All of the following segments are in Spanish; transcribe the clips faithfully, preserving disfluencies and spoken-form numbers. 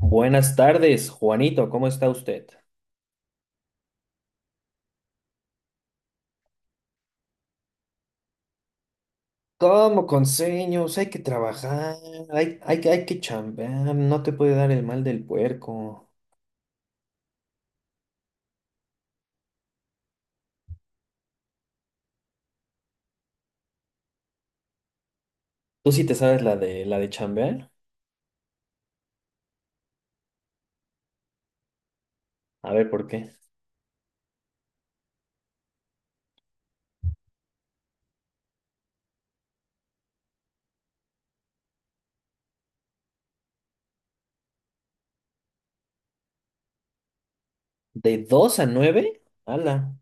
Buenas tardes, Juanito, ¿cómo está usted? Como con sueños, hay que trabajar, hay, hay, que- hay que chambear, no te puede dar el mal del puerco. ¿Tú sí te sabes la de la de chambear? A ver, ¿por qué? ¿De dos a nueve? ¡Hala!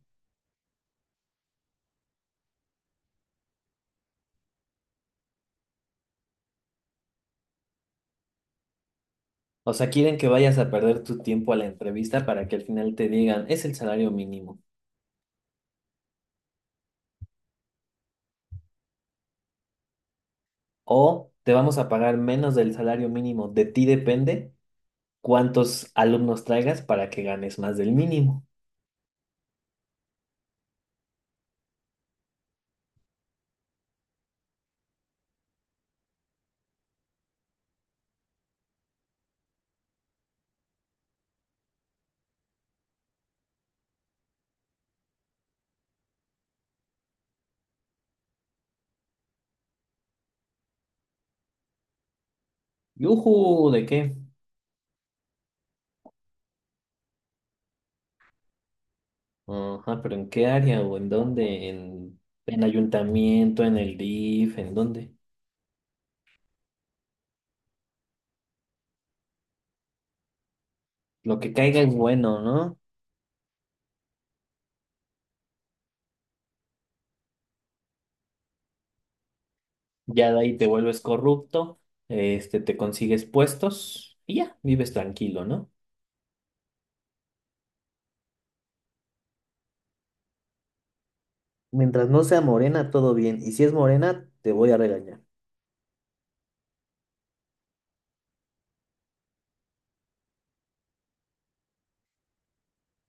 O sea, quieren que vayas a perder tu tiempo a la entrevista para que al final te digan, es el salario mínimo. O te vamos a pagar menos del salario mínimo. De ti depende cuántos alumnos traigas para que ganes más del mínimo. ¡Yujú! ¿De qué? Ajá, pero ¿en qué área o en dónde? ¿En, en ayuntamiento, en el DIF, en dónde? Lo que caiga es bueno, ¿no? Ya de ahí te vuelves corrupto, este, te consigues puestos y ya, vives tranquilo, ¿no? Mientras no sea morena, todo bien. Y si es morena, te voy a regañar.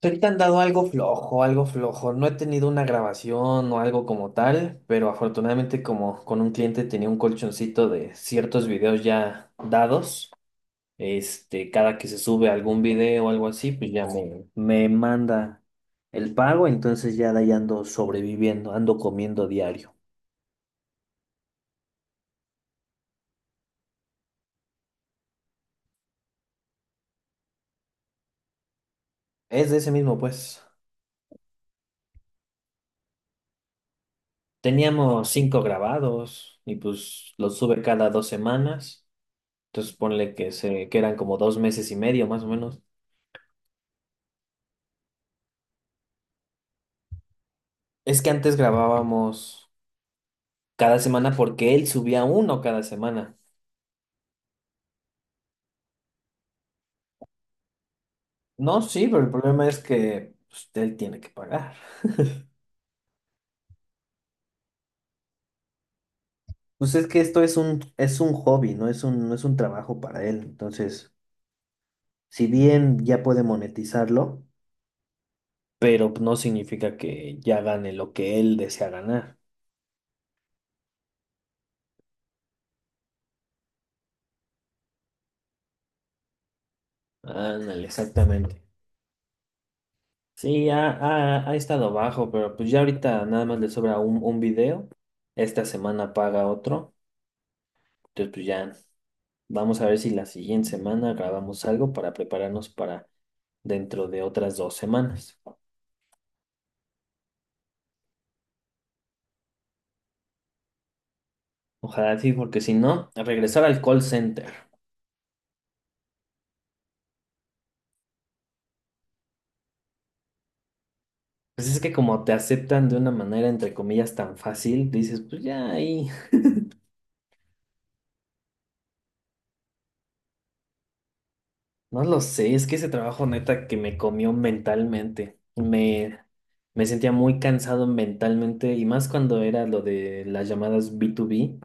Ahorita han dado algo flojo, algo flojo. No he tenido una grabación o algo como tal, pero afortunadamente como con un cliente tenía un colchoncito de ciertos videos ya dados. Este, cada que se sube algún video o algo así, pues ya me, me manda el pago, entonces ya de ahí ando sobreviviendo, ando comiendo diario. Es de ese mismo, pues. Teníamos cinco grabados y pues los sube cada dos semanas. Entonces ponle que se, que eran como dos meses y medio más o menos. Es que antes grabábamos cada semana porque él subía uno cada semana. No, sí, pero el problema es que pues, él tiene que pagar. Pues es que esto es un, es un hobby, no es un, no es un trabajo para él. Entonces, si bien ya puede monetizarlo, pero no significa que ya gane lo que él desea ganar. Ándale, exactamente. Sí, ha, ha- ha estado bajo, pero pues ya ahorita nada más le sobra un, un video. Esta semana paga otro. Entonces, pues ya vamos a ver si la siguiente semana grabamos algo para prepararnos para dentro de otras dos semanas. Ojalá sí, porque si no, a regresar al call center. Pues es que como te aceptan de una manera entre comillas tan fácil, dices, pues ya ahí, no lo sé, es que ese trabajo neta que me comió mentalmente, me, me sentía muy cansado mentalmente y más cuando era lo de las llamadas B dos B,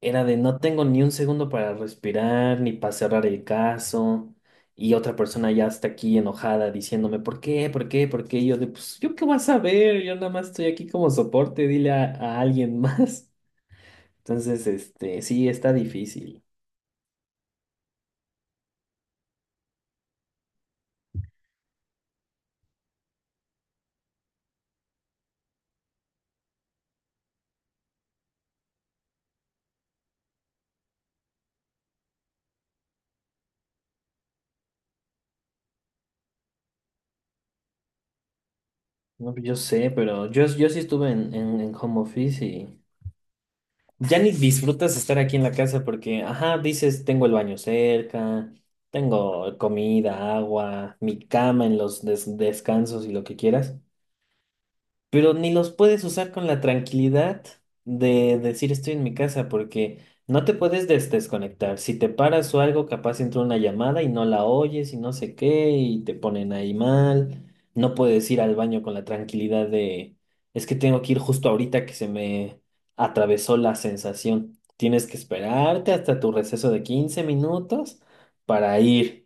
era de no tengo ni un segundo para respirar ni para cerrar el caso y otra persona ya está aquí enojada diciéndome, ¿por qué? ¿Por qué? ¿Por qué? Y yo de, pues yo qué vas a ver, yo nada más estoy aquí como soporte, dile a a alguien más. Entonces, este, sí, está difícil. No, pues, yo sé, pero yo, yo sí estuve en, en, en home office y ya ni disfrutas estar aquí en la casa porque, ajá, dices, tengo el baño cerca, tengo comida, agua, mi cama en los des- descansos y lo que quieras, pero ni los puedes usar con la tranquilidad de decir estoy en mi casa, porque no te puedes des- desconectar. Si te paras o algo, capaz entra una llamada y no la oyes y no sé qué, y te ponen ahí mal. No puedes ir al baño con la tranquilidad de, es que tengo que ir justo ahorita que se me atravesó la sensación. Tienes que esperarte hasta tu receso de quince minutos para ir.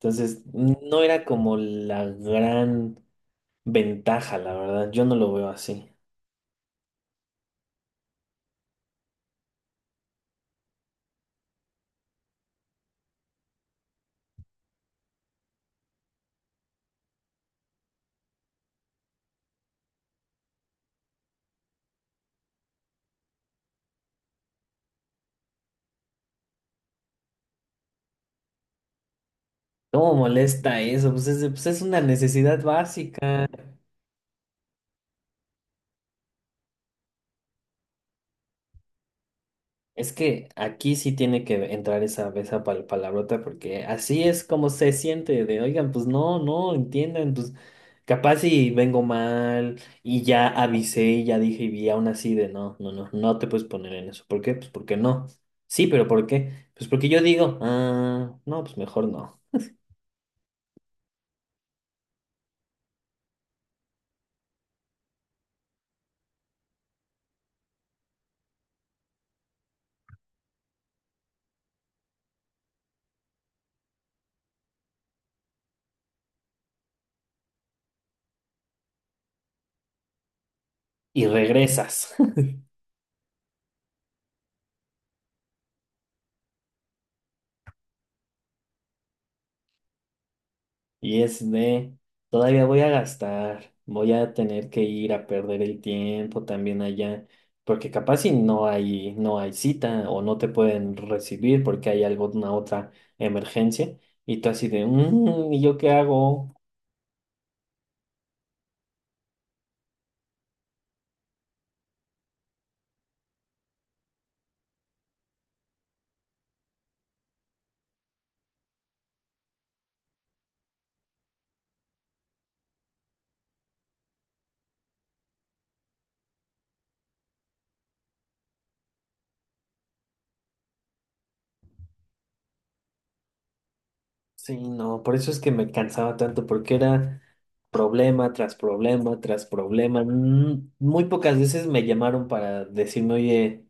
Entonces, no era como la gran ventaja, la verdad. Yo no lo veo así. ¿Cómo molesta eso? Pues es, pues es una necesidad básica. Es que aquí sí tiene que entrar esa, esa pal- palabrota porque así es como se siente de, oigan, pues no, no, entiendan, pues capaz si vengo mal y ya avisé y ya dije y vi aún así de, no, no, no, no te puedes poner en eso. ¿Por qué? Pues porque no. Sí, pero ¿por qué? Pues porque yo digo, ah, no, pues mejor no. Y regresas. Y es de, todavía voy a gastar, voy a tener que ir a perder el tiempo también allá, porque capaz si no hay, no hay cita o no te pueden recibir porque hay alguna otra emergencia y tú así de, "Mm, ¿y yo qué hago?" Sí, no, por eso es que me cansaba tanto porque era problema tras problema tras problema. Mm, muy pocas veces me llamaron para decirme, oye,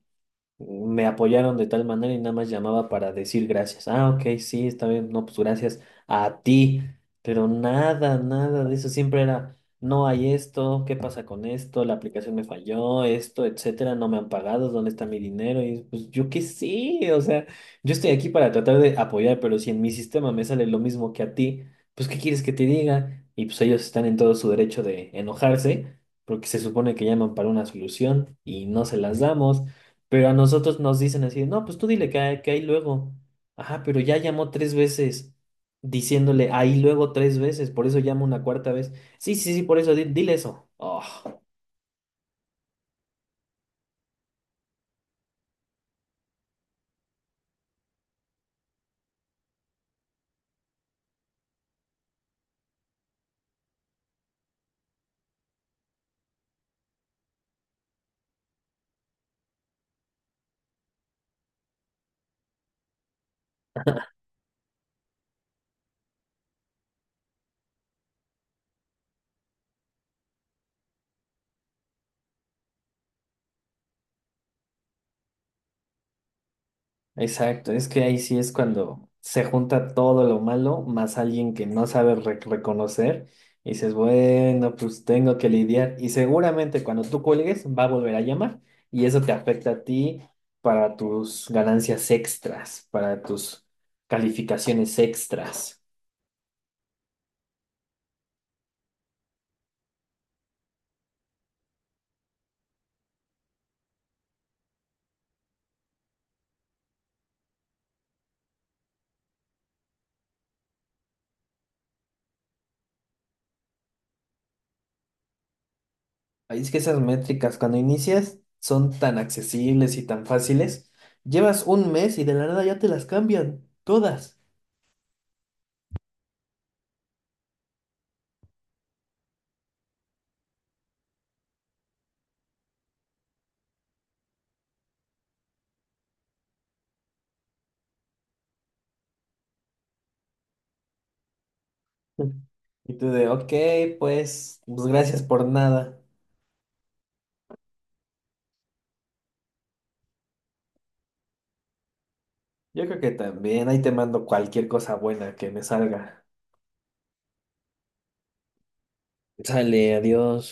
me apoyaron de tal manera y nada más llamaba para decir gracias. Ah, ok, sí, está bien, no, pues gracias a ti, pero nada, nada de eso, siempre era, no hay esto, ¿qué pasa con esto? La aplicación me falló, esto, etcétera, no me han pagado, ¿dónde está mi dinero? Y pues yo qué sé, o sea, yo estoy aquí para tratar de apoyar, pero si en mi sistema me sale lo mismo que a ti, pues ¿qué quieres que te diga? Y pues ellos están en todo su derecho de enojarse. Porque se supone que llaman para una solución y no se las damos. Pero a nosotros nos dicen así, no, pues tú dile que, hay- que ahí luego. Ajá, pero ya llamó tres veces diciéndole ahí luego tres veces, por eso llama una cuarta vez. Sí, sí, sí, por eso, di- dile eso. Oh. Exacto, es que ahí sí es cuando se junta todo lo malo más alguien que no sabe re- reconocer y dices, bueno, pues tengo que lidiar y seguramente cuando tú cuelgues va a volver a llamar y eso te afecta a ti para tus ganancias extras, para tus calificaciones extras. Ahí es que esas métricas cuando inicias son tan accesibles y tan fáciles, llevas un mes y de la nada ya te las cambian todas. Y tú de, ok, pues, pues gracias por nada. Yo creo que también ahí te mando cualquier cosa buena que me salga. Sale, adiós.